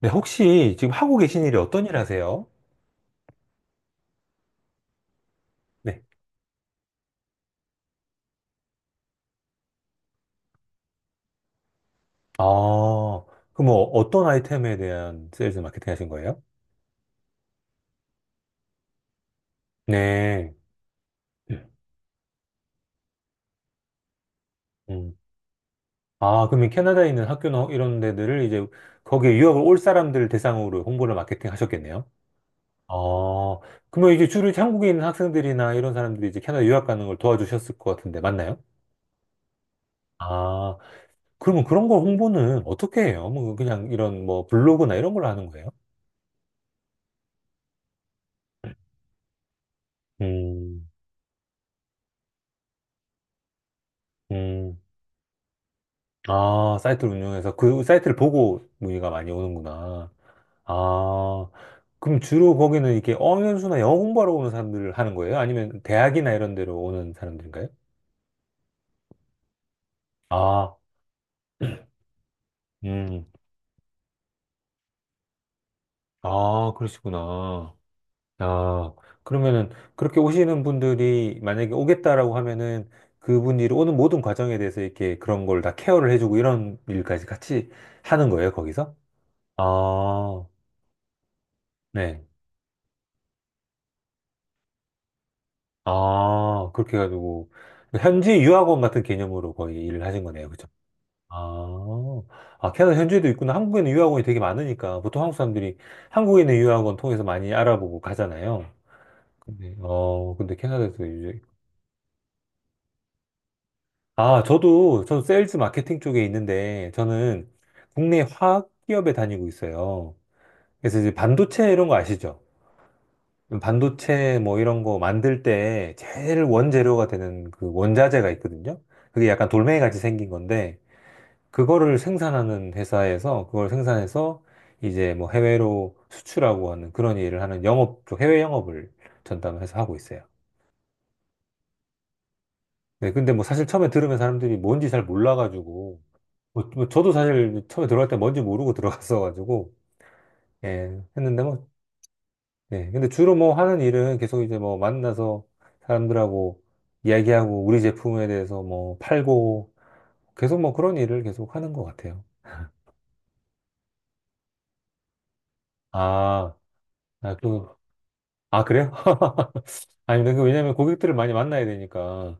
네, 혹시 지금 하고 계신 일이 어떤 일 하세요? 네. 아, 그럼 뭐 어떤 아이템에 대한 세일즈 마케팅 하신 거예요? 네. 음. 아, 그러면 캐나다에 있는 학교나 이런 데들을 이제 거기에 유학을 올 사람들 대상으로 홍보를 마케팅 하셨겠네요? 아, 그러면 이제 주로 이제 한국에 있는 학생들이나 이런 사람들이 이제 캐나다 유학 가는 걸 도와주셨을 것 같은데, 맞나요? 아, 그러면 그런 거 홍보는 어떻게 해요? 뭐 그냥 이런 뭐 블로그나 이런 걸로 하는 거예요? 음, 음. 아, 사이트를 운영해서 그 사이트를 보고 문의가 많이 오는구나. 아, 그럼 주로 거기는 이렇게 어연수나 영어 공부하러 오는 사람들을 하는 거예요? 아니면 대학이나 이런 데로 오는 사람들인가요? 아, 음, 아, 그러시구나. 아, 그러면은 그렇게 오시는 분들이 만약에 오겠다라고 하면은 그분들이 오는 모든 과정에 대해서 이렇게 그런 걸 다 케어를 해주고 이런 일까지 같이 하는 거예요, 거기서? 아, 네. 아, 그렇게 해가지고, 현지 유학원 같은 개념으로 거의 일을 하신 거네요. 그죠? 아, 아, 캐나다 현지에도 있구나. 한국에는 유학원이 되게 많으니까, 보통 한국 사람들이 한국에 있는 유학원 통해서 많이 알아보고 가잖아요. 근데, 어, 근데 캐나다에서 이제, 아, 저도 세일즈 마케팅 쪽에 있는데, 저는 국내 화학 기업에 다니고 있어요. 그래서 이제 반도체 이런 거 아시죠? 반도체 뭐 이런 거 만들 때 제일 원재료가 되는 그 원자재가 있거든요. 그게 약간 돌멩이 같이 생긴 건데 그거를 생산하는 회사에서 그걸 생산해서 이제 뭐 해외로 수출하고 하는 그런 일을 하는 영업 쪽 해외 영업을 전담해서 하고 있어요. 네, 근데 뭐 사실 처음에 들으면 사람들이 뭔지 잘 몰라가지고 뭐 저도 사실 처음에 들어갈 때 뭔지 모르고 들어갔어가지고 예, 했는데 뭐 네. 근데 주로 뭐 하는 일은 계속 이제 뭐 만나서 사람들하고 이야기하고 우리 제품에 대해서 뭐 팔고 계속 뭐 그런 일을 계속 하는 것 같아요. 아, 아, 그, 아, 그래요? 아니, 근데 그 왜냐면 고객들을 많이 만나야 되니까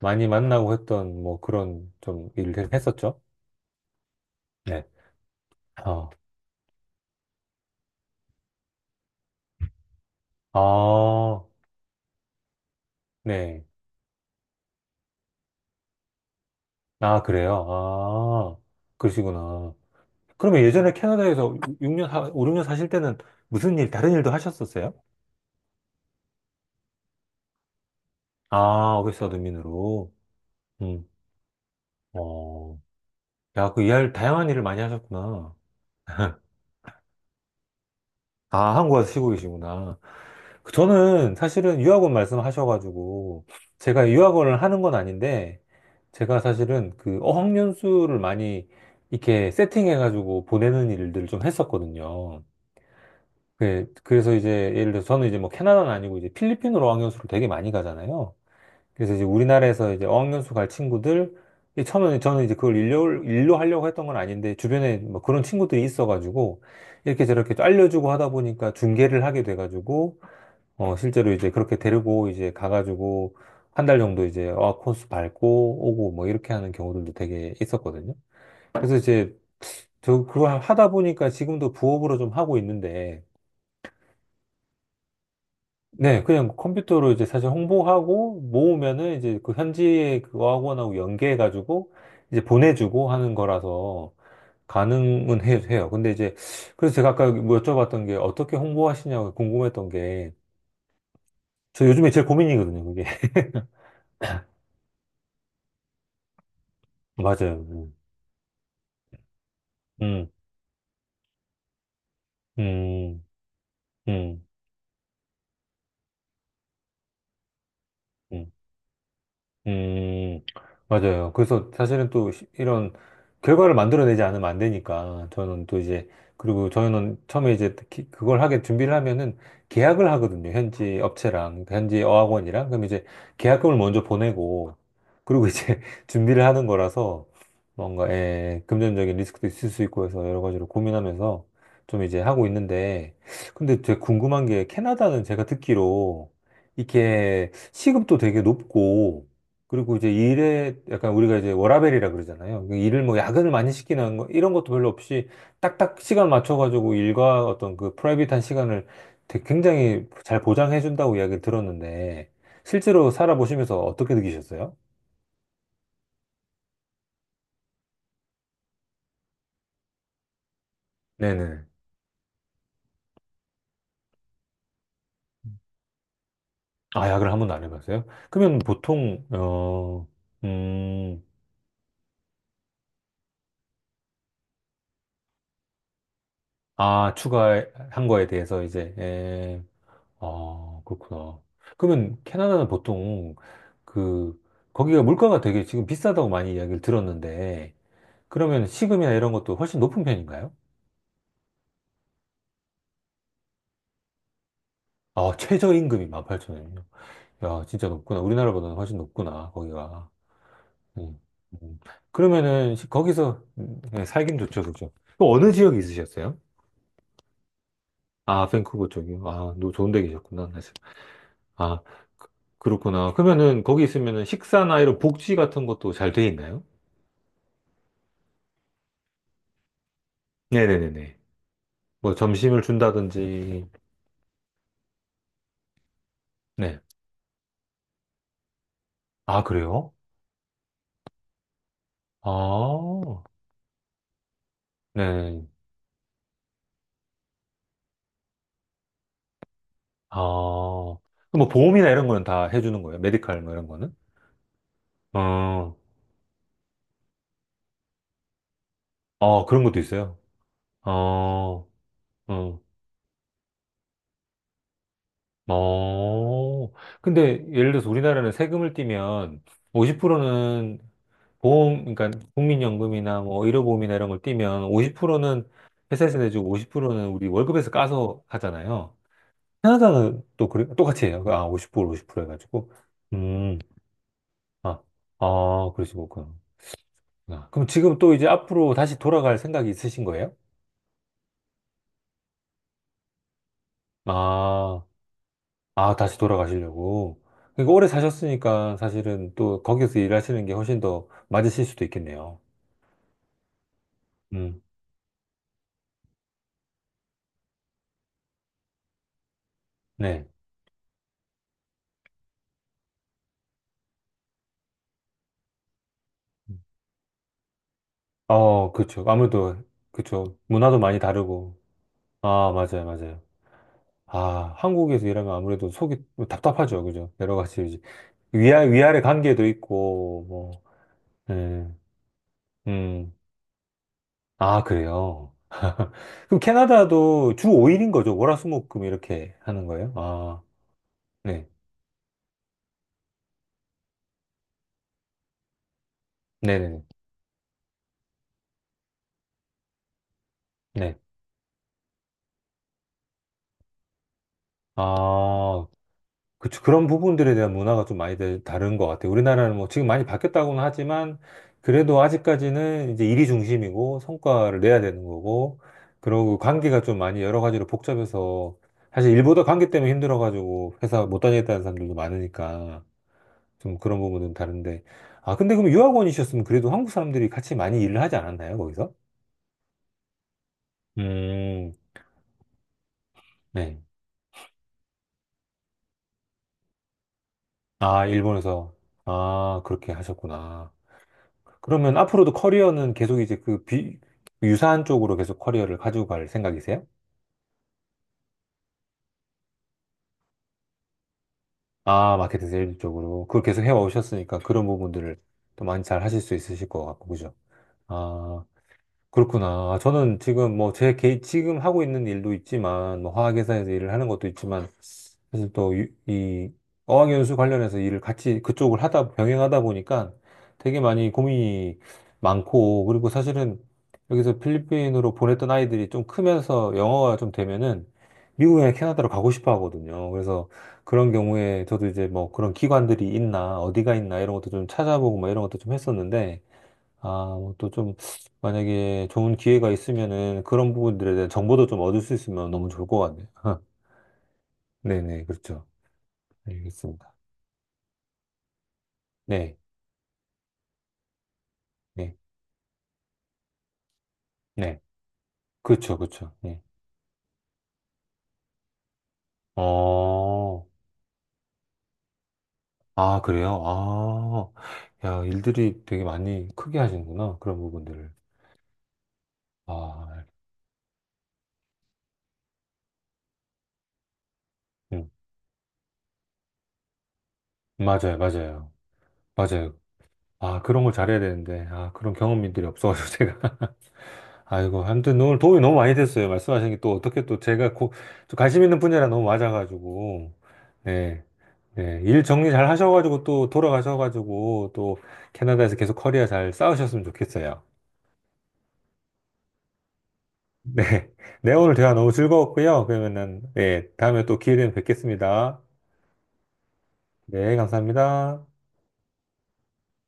많이 만나고 했던 뭐 그런 좀 일을 했었죠. 네. 어. 아, 네. 아, 그래요? 아, 그러시구나. 그러면 예전에 캐나다에서 6년, 5, 6년 사실 때는 무슨 일, 다른 일도 하셨었어요? 아, 어게스타 도민으로. 음. 어. 야, 그 이할 다양한 일을 많이 하셨구나. 아, 한국 와서 쉬고 계시구나. 그 저는 사실은 유학원 말씀하셔가지고 제가 유학원을 하는 건 아닌데 제가 사실은 그 어학연수를 많이 이렇게 세팅해가지고 보내는 일들을 좀 했었거든요. 그래서 이제 예를 들어서 저는 이제 뭐 캐나다는 아니고 이제 필리핀으로 어학연수를 되게 많이 가잖아요. 그래서 이제 우리나라에서 이제 어학연수 갈 친구들, 이 처음에는 저는 이제 그걸 일로 하려고 했던 건 아닌데, 주변에 뭐 그런 친구들이 있어가지고, 이렇게 저렇게 또 알려주고 하다 보니까 중계를 하게 돼가지고, 어, 실제로 이제 그렇게 데리고 이제 가가지고, 한 달 정도 이제 어학 코스 밟고 오고 뭐 이렇게 하는 경우들도 되게 있었거든요. 그래서 이제 저 그걸 하다 보니까 지금도 부업으로 좀 하고 있는데, 네, 그냥 컴퓨터로 이제 사실 홍보하고 모으면은 이제 그 현지에 그 학원하고 연계해가지고 이제 보내주고 하는 거라서 가능은 해요. 근데 이제 그래서 제가 아까 뭐 여쭤봤던 게 어떻게 홍보하시냐고 궁금했던 게 저 요즘에 제일 고민이거든요, 그게. 맞아요. 음, 음, 음, 음. 음. 음, 맞아요. 그래서 사실은 또 이런 결과를 만들어내지 않으면 안 되니까 저는 또 이제 그리고 저는 처음에 이제 특히 그걸 하게 준비를 하면은 계약을 하거든요. 현지 업체랑 그러니까 현지 어학원이랑 그럼 이제 계약금을 먼저 보내고 그리고 이제 준비를 하는 거라서 뭔가 예, 금전적인 리스크도 있을 수 있고 해서 여러 가지로 고민하면서 좀 이제 하고 있는데 근데 제가 궁금한 게 캐나다는 제가 듣기로 이렇게 시급도 되게 높고 그리고 이제 일에 약간 우리가 이제 워라밸이라 그러잖아요. 그 일을 뭐 야근을 많이 시키는 거 이런 것도 별로 없이 딱딱 시간 맞춰가지고 일과 어떤 그 프라이빗한 시간을 되게 굉장히 잘 보장해 준다고 이야기를 들었는데 실제로 살아보시면서 어떻게 느끼셨어요? 네네. 아, 야근을 한 번도 안 해봤어요? 그러면 보통 어, 음, 아, 추가한 거에 대해서 이제 에, 아, 그렇구나. 그러면 캐나다는 보통 그, 거기가 물가가 되게 지금 비싸다고 많이 이야기를 들었는데, 그러면 시금이나 이런 것도 훨씬 높은 편인가요? 아, 최저임금이 18,000원이요? 야, 진짜 높구나. 우리나라보다는 훨씬 높구나, 거기가. 음, 음. 그러면은 거기서 네, 살긴 좋죠, 그죠? 또 어느 지역에 있으셨어요? 아, 밴쿠버 쪽이요? 아, 너 좋은 데 계셨구나, 사실. 아, 그- 그렇구나. 그러면은 거기 있으면은 식사나 이런 복지 같은 것도 잘 돼 있나요? 네네네네. 뭐 점심을 준다든지, 네. 아, 그래요? 아, 네. 아, 뭐 보험이나 이런 거는 다 해주는 거예요. 메디칼 뭐 이런 거는? 어, 어, 그런 것도 있어요. 어, 어, 어. 근데 예를 들어서 우리나라는 세금을 떼면 50%는 보험, 그러니까 국민연금이나 뭐 의료보험이나 이런 걸 떼면 50%는 회사에서 내주고 50%는 우리 월급에서 까서 하잖아요. 캐나다는 또 그래 똑같이 해요. 아, 50% 50% 해가지고. 음, 아, 아, 그러시고 그렇구나. 아, 그럼 지금 또 이제 앞으로 다시 돌아갈 생각이 있으신 거예요? 아, 아, 다시 돌아가시려고. 그러니까 오래 사셨으니까 사실은 또 거기서 일하시는 게 훨씬 더 맞으실 수도 있겠네요. 음, 네. 어, 그쵸. 아무래도, 그쵸. 문화도 많이 다르고. 아, 맞아요. 아, 한국에서 일하면 아무래도 속이 뭐 답답하죠. 그죠? 여러 가지 이제 위아래 관계도 있고, 뭐, 예, 음, 아, 그래요. 그럼 캐나다도 주 5일인 거죠? 월화수목금 이렇게 하는 거예요? 아, 네. 네네네. 네. 아, 그쵸. 그런 부분들에 대한 문화가 좀 많이 다른 것 같아요. 우리나라는 뭐 지금 많이 바뀌었다고는 하지만, 그래도 아직까지는 이제 일이 중심이고, 성과를 내야 되는 거고, 그리고 관계가 좀 많이 여러 가지로 복잡해서, 사실 일보다 관계 때문에 힘들어가지고 회사 못 다니겠다는 사람들도 많으니까. 좀 그런 부분은 다른데. 아, 근데 그럼 유학원이셨으면 그래도 한국 사람들이 같이 많이 일을 하지 않았나요, 거기서? 음, 네. 아, 일본에서. 아, 그렇게 하셨구나. 그러면 앞으로도 커리어는 계속 이제 그 유사한 쪽으로 계속 커리어를 가지고 갈 생각이세요? 아, 마케팅 세일 쪽으로. 그걸 계속 해오셨으니까 그런 부분들을 또 많이 잘 하실 수 있으실 것 같고, 그죠? 아, 그렇구나. 저는 지금 뭐 지금 하고 있는 일도 있지만, 뭐 화학회사에서 일을 하는 것도 있지만, 그래서 또 이 어학연수 관련해서 일을 같이 그쪽을 하다 병행하다 보니까 되게 많이 고민이 많고 그리고 사실은 여기서 필리핀으로 보냈던 아이들이 좀 크면서 영어가 좀 되면은 미국이나 캐나다로 가고 싶어 하거든요. 그래서 그런 경우에 저도 이제 뭐 그런 기관들이 있나 어디가 있나 이런 것도 좀 찾아보고 막 이런 것도 좀 했었는데 아, 뭐 또좀 만약에 좋은 기회가 있으면은 그런 부분들에 대한 정보도 좀 얻을 수 있으면 너무 좋을 것 같네요. 네네, 그렇죠. 알겠습니다. 네, 네, 네. 그쵸, 그쵸. 네. 어, 아, 그래요? 아, 야, 일들이 되게 많이 크게 하시는구나. 그런 부분들을. 아, 음, 맞아요. 맞아요. 아, 그런 걸 잘해야 되는데. 아, 그런 경험들이 없어가지고 제가. 아이고, 아무튼 오늘 도움이 너무 많이 됐어요. 말씀하신 게 또 어떻게 또 좀 관심 있는 분야라 너무 맞아가지고. 네. 네, 일 정리 잘 하셔가지고 또 돌아가셔가지고 또 캐나다에서 계속 커리어 잘 쌓으셨으면 좋겠어요. 네. 네, 오늘 대화 너무 즐거웠고요. 그러면은, 예, 다음에 또 기회 되면 뵙겠습니다. 네, 감사합니다.